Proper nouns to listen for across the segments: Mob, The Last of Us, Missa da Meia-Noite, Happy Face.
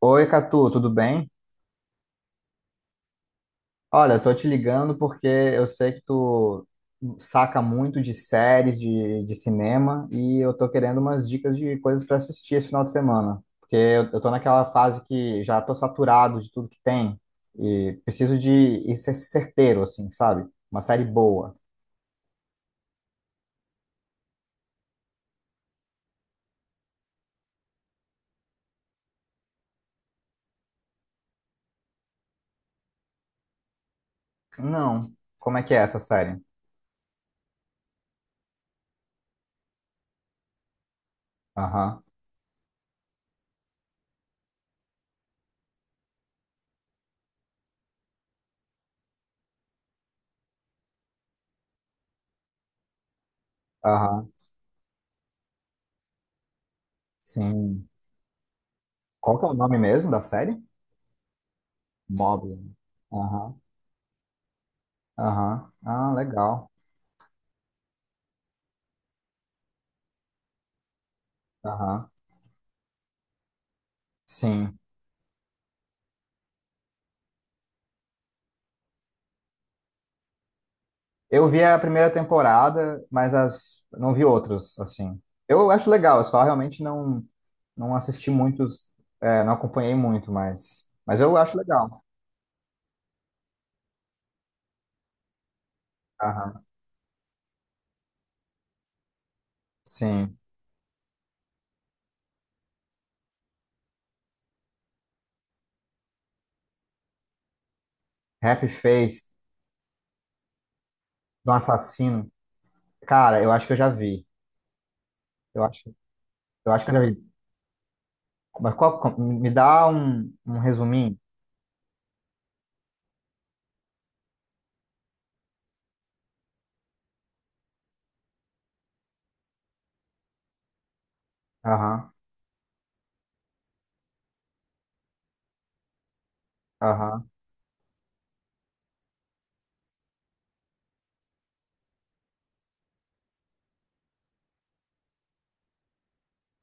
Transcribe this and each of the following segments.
Oi, Catu, tudo bem? Olha, eu tô te ligando porque eu sei que tu saca muito de séries de cinema e eu tô querendo umas dicas de coisas para assistir esse final de semana, porque eu tô naquela fase que já tô saturado de tudo que tem e preciso de ir ser certeiro, assim, sabe? Uma série boa. Não. Como é que é essa série? Aham, aham, sim. Qual que é o nome mesmo da série? Mob. Aham, aham. Ah, legal. Aham, sim. Eu vi a primeira temporada, mas as não vi outras, assim. Eu acho legal, eu só realmente não assisti muitos, é, não acompanhei muito, mas eu acho legal. Aham. Sim. Happy Face do assassino. Cara, eu acho que eu já vi. Eu acho, eu acho que eu já vi. Mas me dá um, um resuminho? Aham. Aham.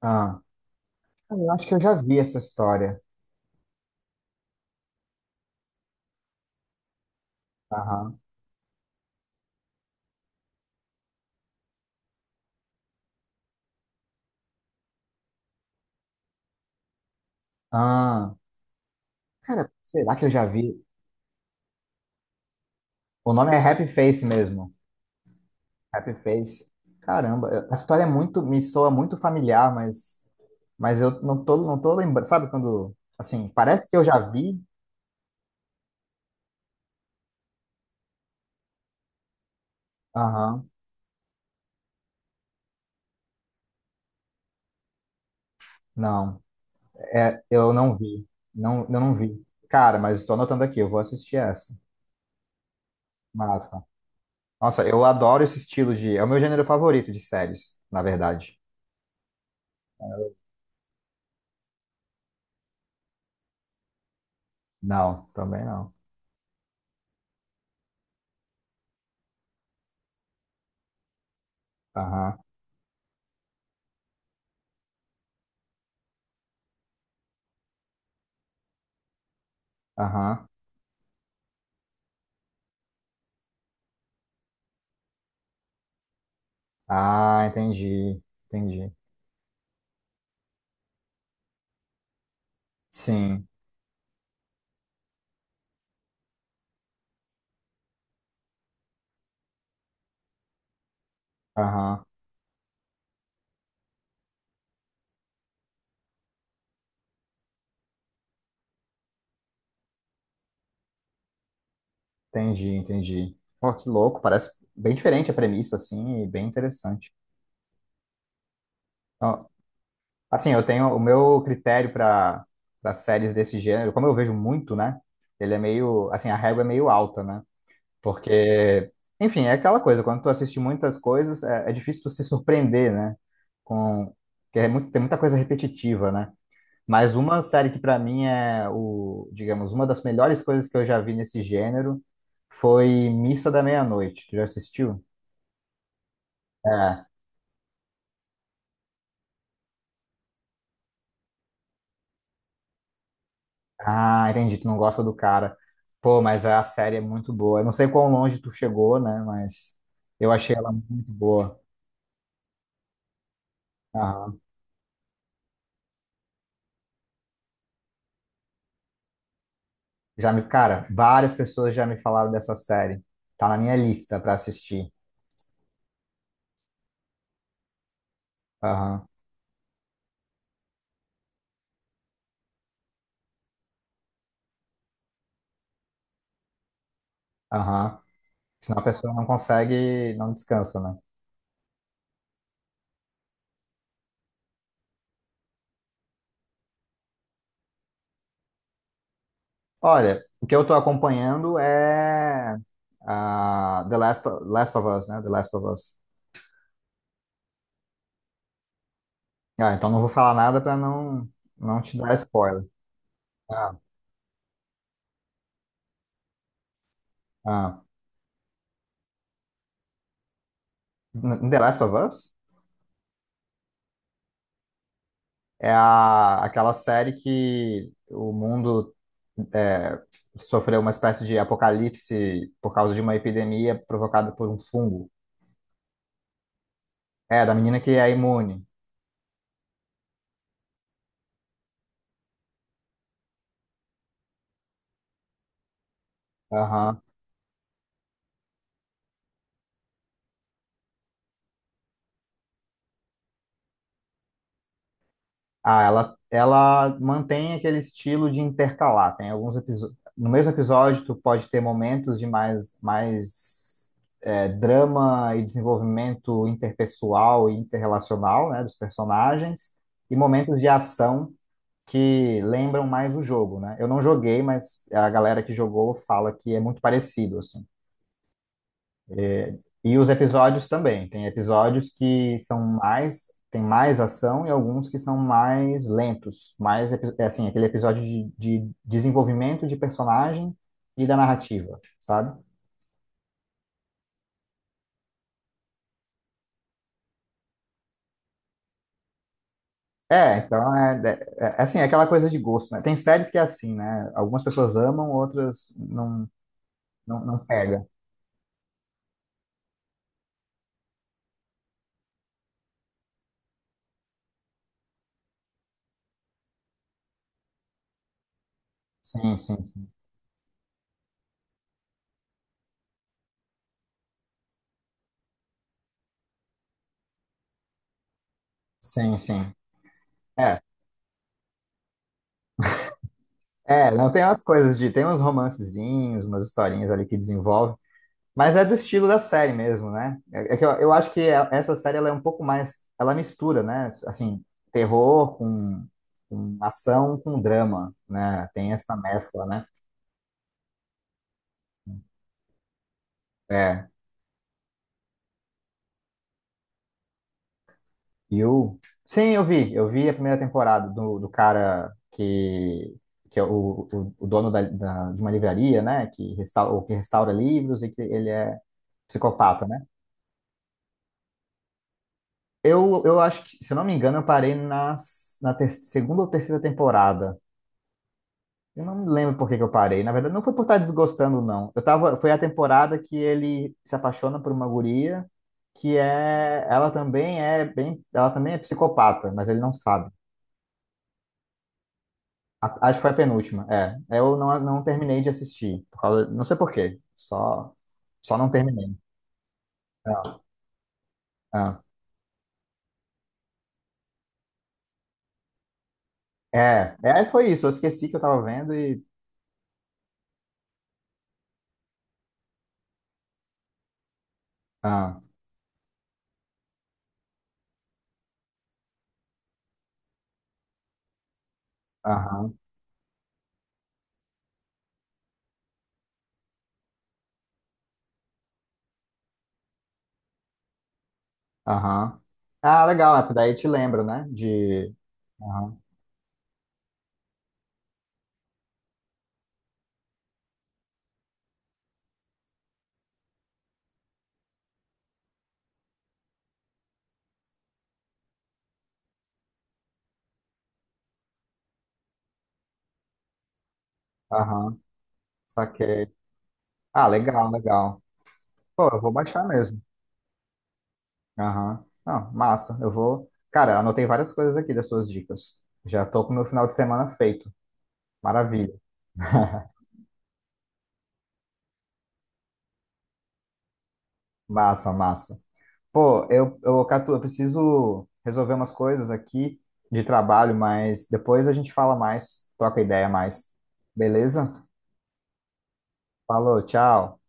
Ah. Cara, eu acho que eu já vi essa história. Aham. Ah. Cara, será que eu já vi? O nome é Happy Face mesmo. Happy Face. Caramba, a história é muito, me soa muito familiar, mas eu não tô lembrando. Sabe quando, assim, parece que eu já vi. Aham, não, é, eu não vi. Não, eu não vi. Cara, mas estou anotando aqui, eu vou assistir essa. Massa. Nossa, eu adoro esse estilo de. É o meu gênero favorito de séries, na verdade. Não, também não. Aham, aham. Ah, entendi, entendi. Sim, aham. Entendi, entendi. Pô, que louco, parece bem diferente a premissa, assim, e bem interessante. Então, assim, eu tenho o meu critério para séries desse gênero, como eu vejo muito, né? Ele é meio, assim, a régua é meio alta, né? Porque, enfim, é aquela coisa, quando tu assiste muitas coisas, é, é difícil tu se surpreender, né? Com, que é muito, tem muita coisa repetitiva, né? Mas uma série que para mim é o, digamos, uma das melhores coisas que eu já vi nesse gênero foi Missa da Meia-Noite. Tu já assistiu? É. Ah, entendi. Tu não gosta do cara. Pô, mas a série é muito boa. Eu não sei quão longe tu chegou, né? Mas eu achei ela muito boa. Aham. Já me, cara, várias pessoas já me falaram dessa série. Tá na minha lista pra assistir. Aham, aham. Senão a pessoa não consegue, não descansa, né? Olha, o que eu tô acompanhando é ah, Last of Us, né? The Last of Us. Ah, então não vou falar nada pra não, não te dar spoiler. Ah, ah. The Last of Us é aquela série que o mundo é, sofreu uma espécie de apocalipse por causa de uma epidemia provocada por um fungo. É, da menina que é imune. Aham. Ah, ela mantém aquele estilo de intercalar. Tem alguns episódios. No mesmo episódio, tu pode ter momentos de mais, drama e desenvolvimento interpessoal e interrelacional, né, dos personagens, e momentos de ação que lembram mais o jogo, né? Eu não joguei, mas a galera que jogou fala que é muito parecido, assim. E os episódios também. Tem episódios que são mais, tem mais ação e alguns que são mais lentos, mais, é assim, aquele episódio de desenvolvimento de personagem e da narrativa, sabe? É, então é assim, é aquela coisa de gosto, né? Tem séries que é assim, né? Algumas pessoas amam, outras não, não, não pega. Sim, sim, sim. Sim, sim. É, É, não tem umas coisas de. Tem uns romancezinhos, umas historinhas ali que desenvolve, mas é do estilo da série mesmo, né? É que eu acho que essa série ela é um pouco mais. Ela mistura, né? Assim, terror com ação com drama, né? Tem essa mescla, né? É. E o. Sim, eu vi. Eu vi a primeira temporada do cara que. Que é o dono de uma livraria, né? Que restaura livros e que ele é psicopata. Eu acho que, se eu não me engano, eu parei na segunda ou terceira temporada. Eu não me lembro por que que eu parei. Na verdade, não foi por estar desgostando, não. Eu tava, foi a temporada que ele se apaixona por uma guria, que é, ela também é bem, ela também é psicopata, mas ele não sabe. Acho que foi a penúltima. É, eu não terminei de assistir, por causa- não sei por quê. Só, só não terminei. Ah, ah. É, foi isso. Eu esqueci que eu tava vendo e. Ah, aham. Aham. Ah, legal, é, porque daí te lembra, né? De. Aham, aham, saquei. Ah, legal, legal. Pô, eu vou baixar mesmo. Aham. Não, massa, eu vou. Cara, anotei várias coisas aqui das suas dicas. Já tô com o meu final de semana feito. Maravilha. Massa, massa. Pô, Catu, eu preciso resolver umas coisas aqui de trabalho, mas depois a gente fala mais, troca ideia mais. Beleza? Falou, tchau.